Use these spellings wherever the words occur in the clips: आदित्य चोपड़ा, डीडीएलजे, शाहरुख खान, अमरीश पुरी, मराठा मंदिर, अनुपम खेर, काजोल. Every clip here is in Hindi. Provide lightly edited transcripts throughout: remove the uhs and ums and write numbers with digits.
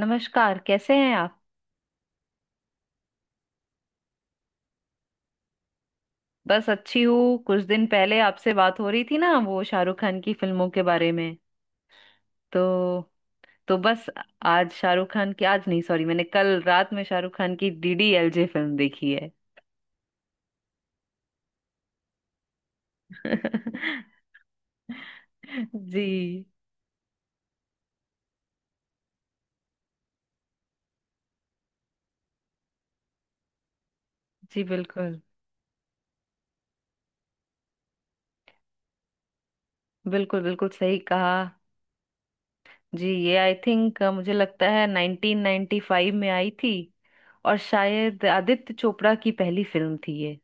नमस्कार, कैसे हैं आप? बस अच्छी हूँ। कुछ दिन पहले आपसे बात हो रही थी ना, वो शाहरुख खान की फिल्मों के बारे में। तो तो बस। आज शाहरुख खान की, आज नहीं, सॉरी, मैंने कल रात में शाहरुख खान की डीडीएलजे फिल्म देखी है। जी। जी बिल्कुल। बिल्कुल बिल्कुल सही कहा। जी ये आई थिंक मुझे लगता है 1995 में आई थी। और शायद आदित्य चोपड़ा की पहली फिल्म थी ये।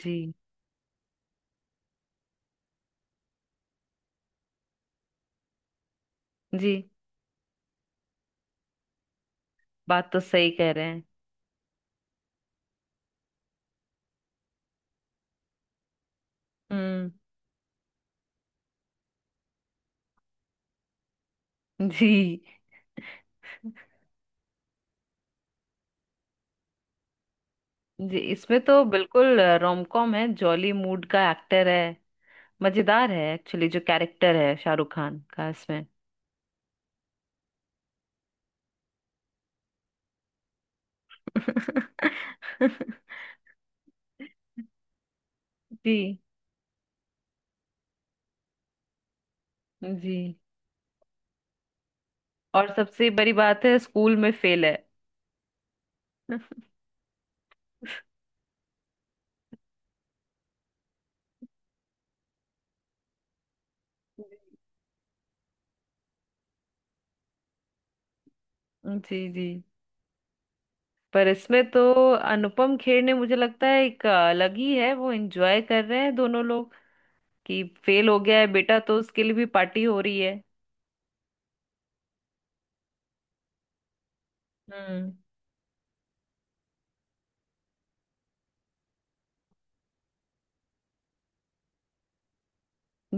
जी जी। बात तो सही कह रहे। हम्म। जी जी। इसमें तो बिल्कुल रोम कॉम है, जॉली मूड का एक्टर है। मजेदार है एक्चुअली, जो कैरेक्टर है शाहरुख खान का इसमें। जी। जी, और सबसे बड़ी बात है, स्कूल में फेल है। जी। जी, पर इसमें तो अनुपम खेर ने, मुझे लगता है, एक अलग ही है, वो एंजॉय कर रहे हैं दोनों लोग कि फेल हो गया है बेटा तो उसके लिए भी पार्टी हो रही है। हम्म।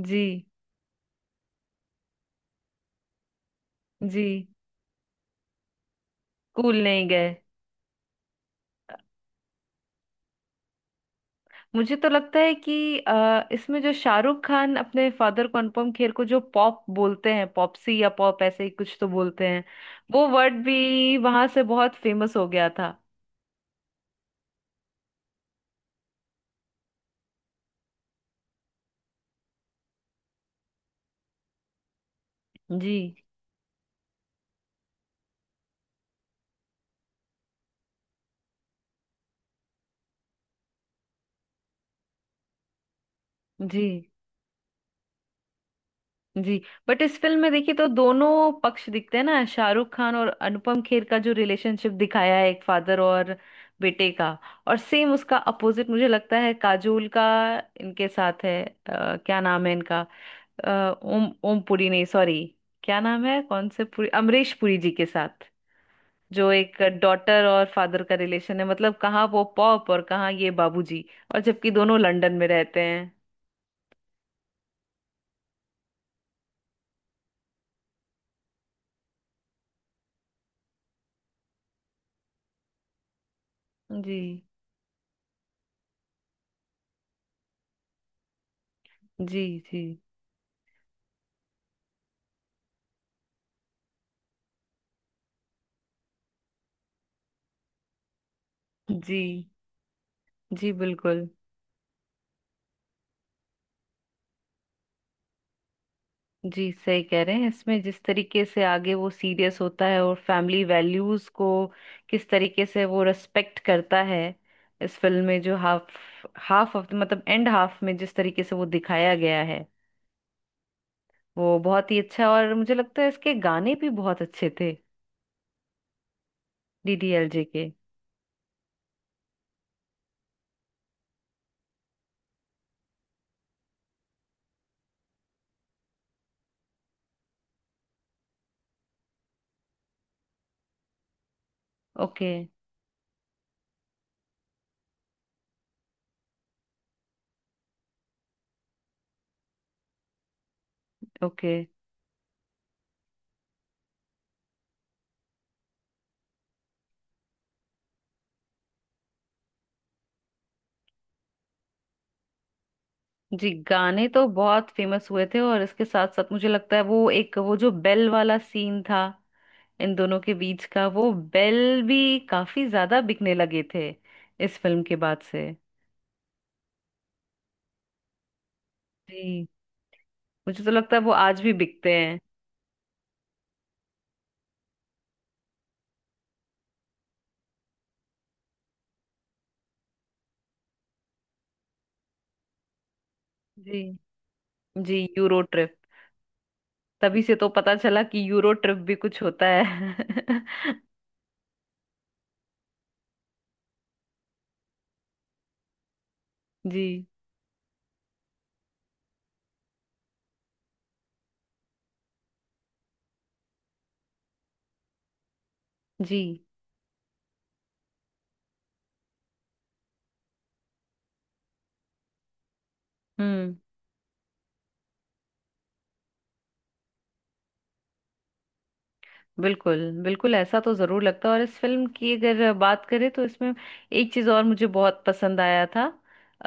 जी जी। स्कूल नहीं गए। मुझे तो लगता है कि इसमें जो शाहरुख खान अपने फादर को, अनुपम खेर को, जो पॉप बोलते हैं, पॉपसी या पॉप, ऐसे ही कुछ तो बोलते हैं। वो वर्ड भी वहां से बहुत फेमस हो गया था। जी जी जी। बट इस फिल्म में देखिए तो दोनों पक्ष दिखते हैं ना, शाहरुख खान और अनुपम खेर का जो रिलेशनशिप दिखाया है एक फादर और बेटे का। और सेम उसका अपोजिट, मुझे लगता है, काजोल का इनके साथ है। क्या नाम है इनका? अ, ओम ओम पुरी, नहीं सॉरी, क्या नाम है, कौन से पुरी, अमरीश पुरी जी के साथ जो एक डॉटर और फादर का रिलेशन है। मतलब कहाँ वो पॉप और कहाँ ये बाबूजी, और जबकि दोनों लंदन में रहते हैं। जी। जी जी। जी जी बिल्कुल। जी सही कह रहे हैं, इसमें जिस तरीके से आगे वो सीरियस होता है और फैमिली वैल्यूज को किस तरीके से वो रेस्पेक्ट करता है। इस फिल्म में जो हाफ हाफ ऑफ मतलब एंड हाफ में जिस तरीके से वो दिखाया गया है वो बहुत ही अच्छा। और मुझे लगता है इसके गाने भी बहुत अच्छे थे, डीडीएलजे के। ओके। ओके। जी, गाने तो बहुत फेमस हुए थे। और इसके साथ साथ मुझे लगता है वो एक, वो जो बेल वाला सीन था, इन दोनों के बीच का, वो बेल भी काफी ज्यादा बिकने लगे थे इस फिल्म के बाद से। जी। मुझे तो लगता है वो आज भी बिकते हैं। जी। जी यूरो ट्रिप। तभी से तो पता चला कि यूरो ट्रिप भी कुछ होता है। जी। जी। हम्म, बिल्कुल। बिल्कुल ऐसा तो जरूर लगता है। और इस फिल्म की अगर बात करें तो इसमें एक चीज और मुझे बहुत पसंद आया था,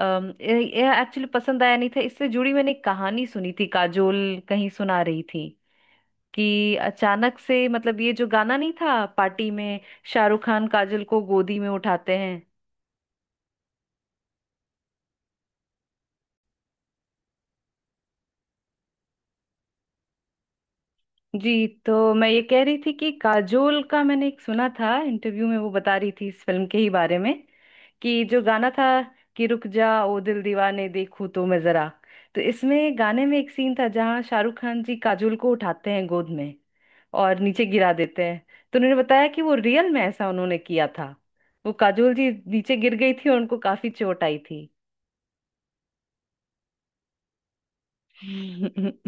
एक्चुअली पसंद आया नहीं था, इससे जुड़ी मैंने एक कहानी सुनी थी, काजोल कहीं सुना रही थी, कि अचानक से मतलब ये जो गाना नहीं था पार्टी में शाहरुख खान काजोल को गोदी में उठाते हैं। जी, तो मैं ये कह रही थी कि काजोल का मैंने एक सुना था इंटरव्यू में, वो बता रही थी इस फिल्म के ही बारे में कि जो गाना था कि रुक जा ओ दिल दीवाने देखूं तो मैं जरा, तो इसमें गाने में एक सीन था जहाँ शाहरुख खान जी काजोल को उठाते हैं गोद में और नीचे गिरा देते हैं। तो उन्होंने बताया कि वो रियल में ऐसा उन्होंने किया था, वो काजोल जी नीचे गिर गई थी और उनको काफी चोट आई थी। जी।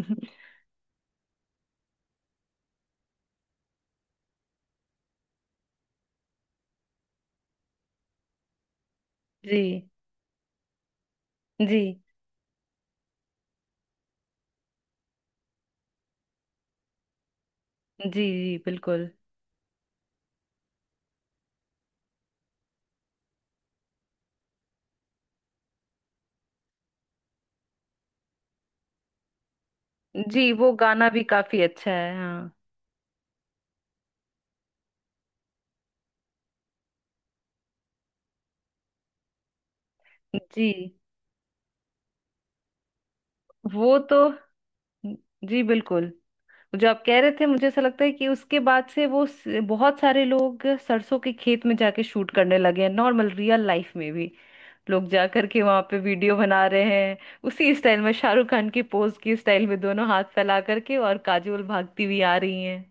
जी। जी। जी बिल्कुल। जी वो गाना भी काफी अच्छा है, हाँ। जी वो तो, जी बिल्कुल। जो आप कह रहे थे मुझे ऐसा लगता है कि उसके बाद से वो बहुत सारे लोग सरसों के खेत में जाके शूट करने लगे हैं नॉर्मल रियल लाइफ में भी, लोग जा करके वहां पे वीडियो बना रहे हैं उसी स्टाइल में, शाहरुख खान की पोज की स्टाइल में दोनों हाथ फैला करके, और काजोल भागती हुई आ रही हैं।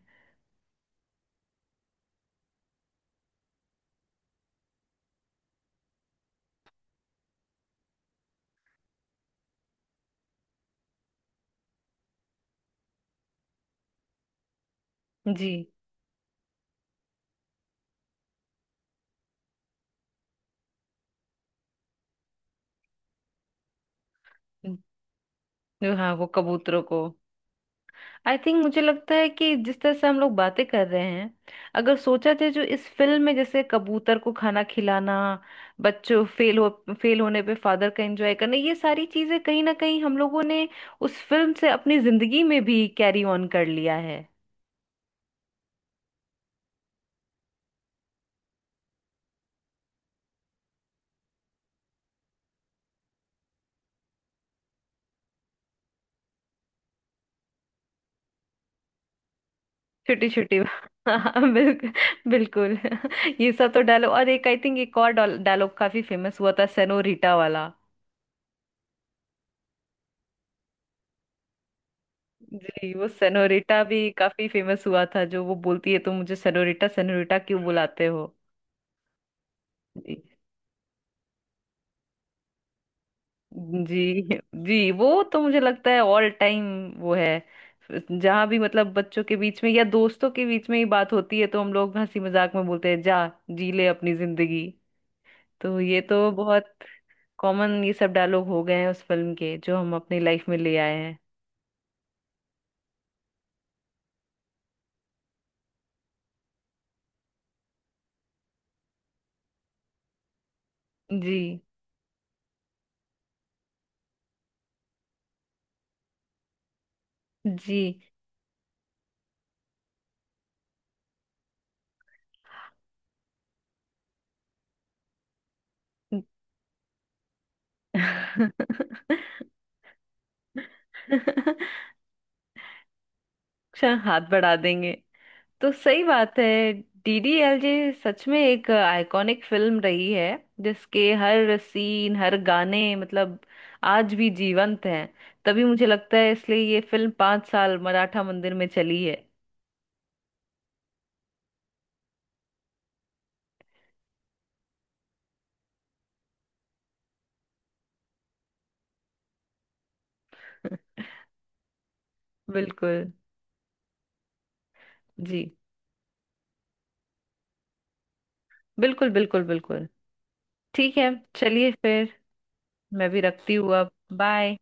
जी। जो, हाँ, वो कबूतरों को। आई थिंक मुझे लगता है कि जिस तरह से हम लोग बातें कर रहे हैं, अगर सोचा जाए जो इस फिल्म में जैसे कबूतर को खाना खिलाना, बच्चों फेल होने पे फादर का एंजॉय करना, ये सारी चीजें कहीं ना कहीं हम लोगों ने उस फिल्म से अपनी जिंदगी में भी कैरी ऑन कर लिया है। छोटी छोटी। हाँ, बिल्कुल। बिल्कुल। ये सब तो डायलॉग, और एक आई थिंक एक और डायलॉग काफी फेमस हुआ था, सेनोरिटा वाला। जी, वो सेनोरिटा भी काफी फेमस हुआ था, जो वो बोलती है तो मुझे सेनोरिटा सेनोरिटा क्यों बुलाते हो। जी। जी। जी वो तो मुझे लगता है ऑल टाइम वो है, जहाँ भी मतलब बच्चों के बीच में या दोस्तों के बीच में ही बात होती है तो हम लोग हंसी मजाक में बोलते हैं, जा जी ले अपनी जिंदगी। तो ये तो बहुत कॉमन ये सब डायलॉग हो गए हैं उस फिल्म के जो हम अपनी लाइफ में ले आए हैं। जी। जी। अच्छा, हाथ बढ़ा देंगे। तो सही बात है, डीडीएलजे सच में एक आइकॉनिक फिल्म रही है जिसके हर सीन, हर गाने मतलब आज भी जीवंत हैं। तभी मुझे लगता है इसलिए ये फिल्म 5 साल मराठा मंदिर में चली है। बिल्कुल। जी। बिल्कुल बिल्कुल बिल्कुल। ठीक है, चलिए फिर मैं भी रखती हूँ अब। बाय।